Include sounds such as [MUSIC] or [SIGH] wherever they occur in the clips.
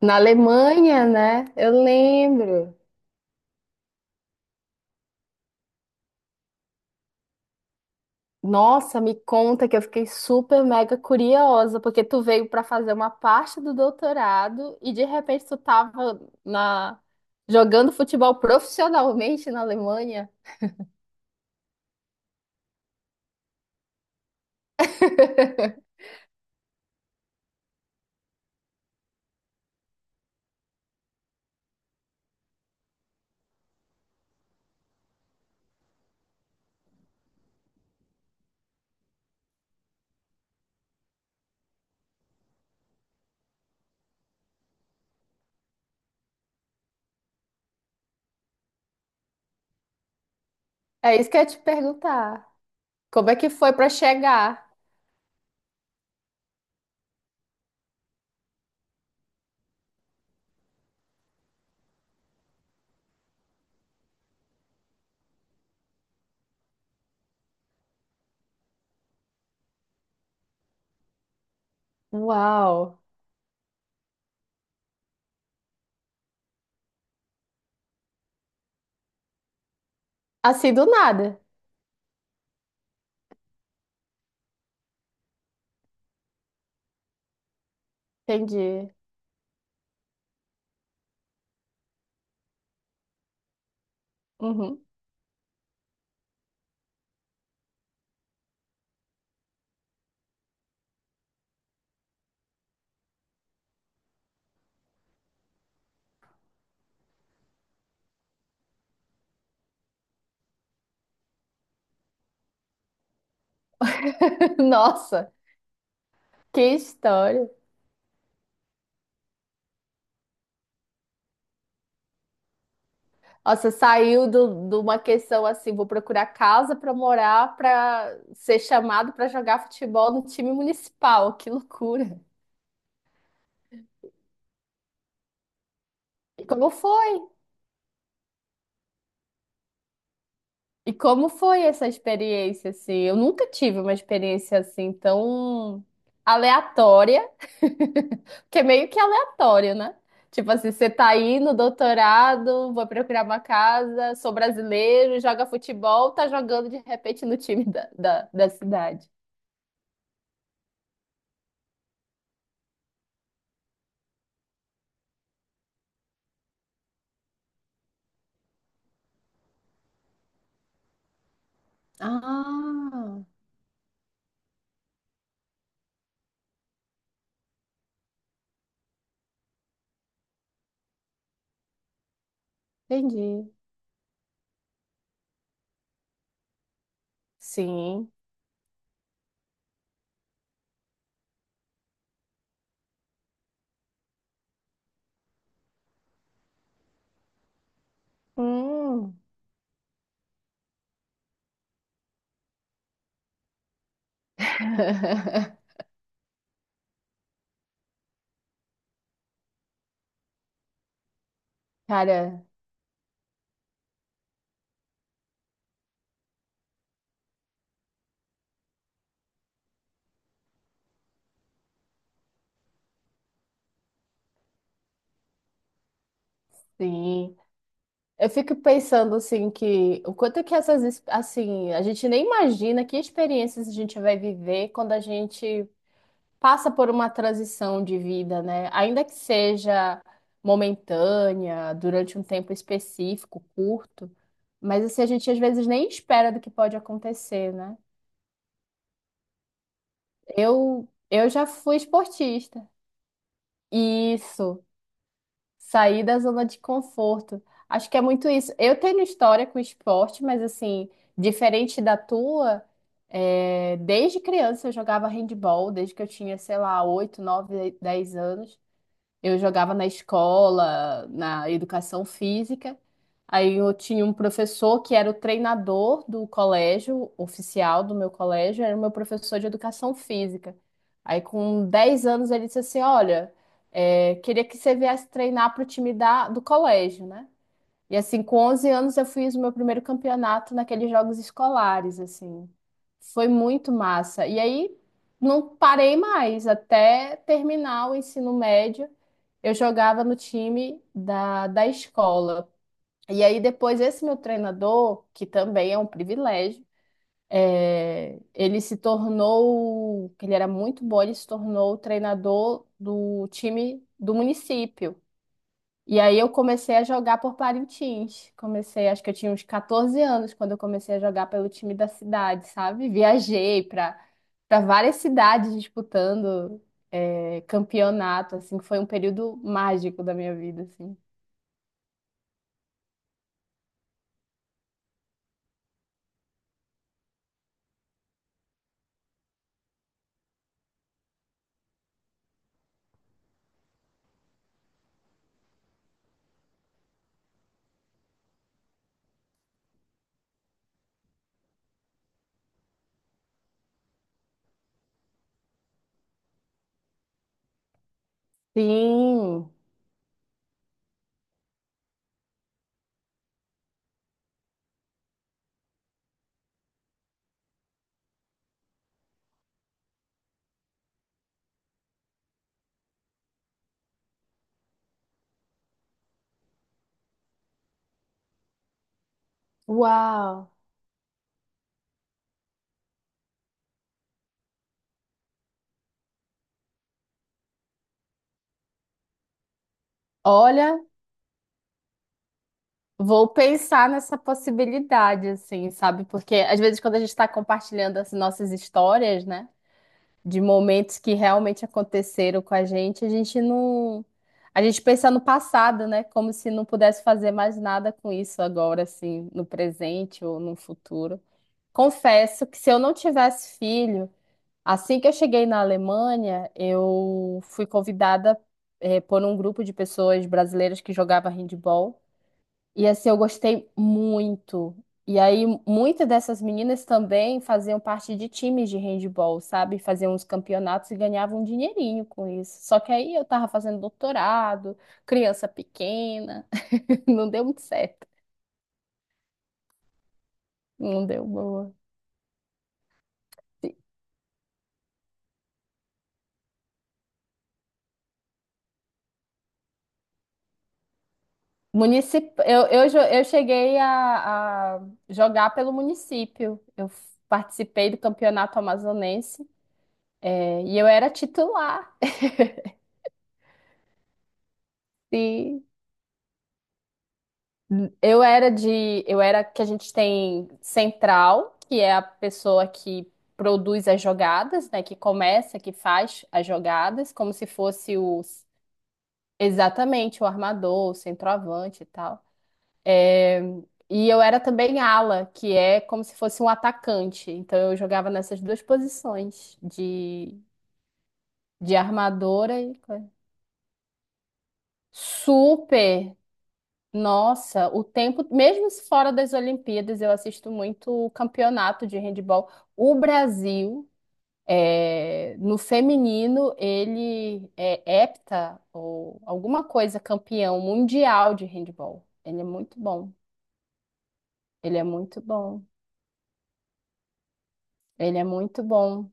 Na Alemanha, né? Eu lembro. Nossa, me conta que eu fiquei super mega curiosa, porque tu veio para fazer uma parte do doutorado e de repente tu tava na jogando futebol profissionalmente na Alemanha. É isso que eu ia te perguntar. Como é que foi para chegar? Uau! Assim do nada. Entendi. Uhum. [LAUGHS] Nossa, que história. Nossa, saiu de uma questão assim, vou procurar casa para morar, para ser chamado para jogar futebol no time municipal. Que loucura! E como foi? E como foi essa experiência assim? Eu nunca tive uma experiência assim tão aleatória, [LAUGHS] porque é meio que aleatório, né? Tipo assim, você tá aí no doutorado, vou procurar uma casa, sou brasileiro, joga futebol, tá jogando de repente no time da, da cidade. Ah. Entendi. Sim. Hum. [LAUGHS] Cara, sim. Eu fico pensando assim que o quanto é que essas assim, a gente nem imagina que experiências a gente vai viver quando a gente passa por uma transição de vida, né? Ainda que seja momentânea, durante um tempo específico, curto, mas assim a gente às vezes nem espera do que pode acontecer, né? Eu já fui esportista. Isso. Sair da zona de conforto. Acho que é muito isso. Eu tenho história com esporte, mas assim, diferente da tua, é, desde criança eu jogava handball, desde que eu tinha, sei lá, 8, 9, 10 anos. Eu jogava na escola, na educação física. Aí eu tinha um professor que era o treinador do colégio, oficial do meu colégio, era o meu professor de educação física. Aí com 10 anos ele disse assim: Olha, é, queria que você viesse treinar para o time do colégio, né? E assim, com 11 anos eu fiz o meu primeiro campeonato naqueles jogos escolares, assim. Foi muito massa. E aí não parei mais até terminar o ensino médio. Eu jogava no time da escola. E aí depois esse meu treinador, que também é um privilégio, é, ele se tornou, ele era muito bom, ele se tornou o treinador do time do município. E aí eu comecei a jogar por Parintins. Comecei, acho que eu tinha uns 14 anos quando eu comecei a jogar pelo time da cidade, sabe? Viajei para várias cidades disputando é, campeonato, assim, foi um período mágico da minha vida, assim. Sim, uau. Olha, vou pensar nessa possibilidade, assim, sabe? Porque às vezes quando a gente está compartilhando as nossas histórias, né? De momentos que realmente aconteceram com a gente não. A gente pensa no passado, né? Como se não pudesse fazer mais nada com isso agora, assim, no presente ou no futuro. Confesso que se eu não tivesse filho, assim que eu cheguei na Alemanha, eu fui convidada, por um grupo de pessoas brasileiras que jogava handball. E assim, eu gostei muito. E aí, muitas dessas meninas também faziam parte de times de handball, sabe? Faziam uns campeonatos e ganhavam um dinheirinho com isso. Só que aí eu tava fazendo doutorado, criança pequena, [LAUGHS] não deu muito certo. Não deu boa. Municip... eu, jo- eu cheguei a jogar pelo município. Eu participei do campeonato amazonense, é, e eu era titular. [LAUGHS] Eu era que a gente tem central, que é a pessoa que produz as jogadas, né, que começa, que faz as jogadas, como se fosse os exatamente o armador, o centroavante e tal. É, e eu era também ala, que é como se fosse um atacante. Então eu jogava nessas duas posições de armadora e super. Nossa, o tempo, mesmo fora das Olimpíadas, eu assisto muito o campeonato de handebol. O Brasil, é, no feminino, ele é hepta ou alguma coisa, campeão mundial de handebol. Ele é muito bom. Ele é muito bom. Ele é muito bom.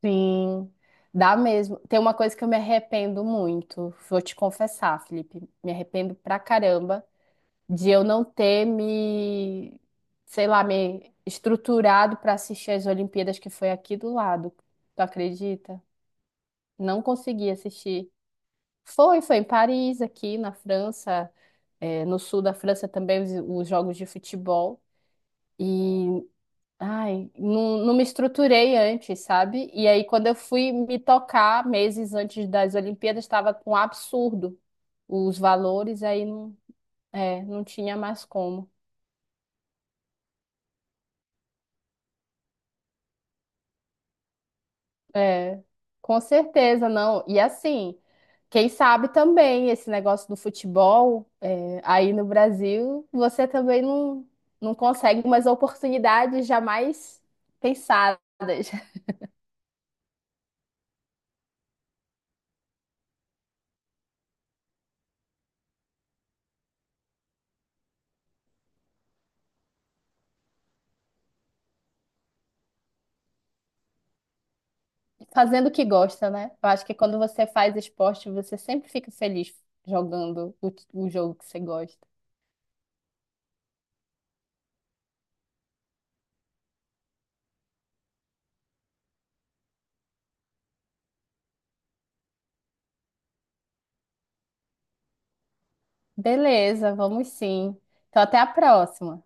Sim, dá mesmo. Tem uma coisa que eu me arrependo muito, vou te confessar, Felipe. Me arrependo pra caramba de eu não ter me, sei lá, me estruturado para assistir as Olimpíadas que foi aqui do lado. Tu acredita? Não consegui assistir. Foi em Paris, aqui na França, no sul da França também os jogos de futebol. E, ai, não, não me estruturei antes, sabe? E aí, quando eu fui me tocar, meses antes das Olimpíadas, estava com um absurdo os valores, aí não, é, não tinha mais como. É, com certeza, não. E assim, quem sabe também esse negócio do futebol, é, aí no Brasil, você também não consegue umas oportunidades jamais pensadas, [LAUGHS] fazendo o que gosta, né? Eu acho que quando você faz esporte, você sempre fica feliz jogando o jogo que você gosta. Beleza, vamos sim. Então, até a próxima.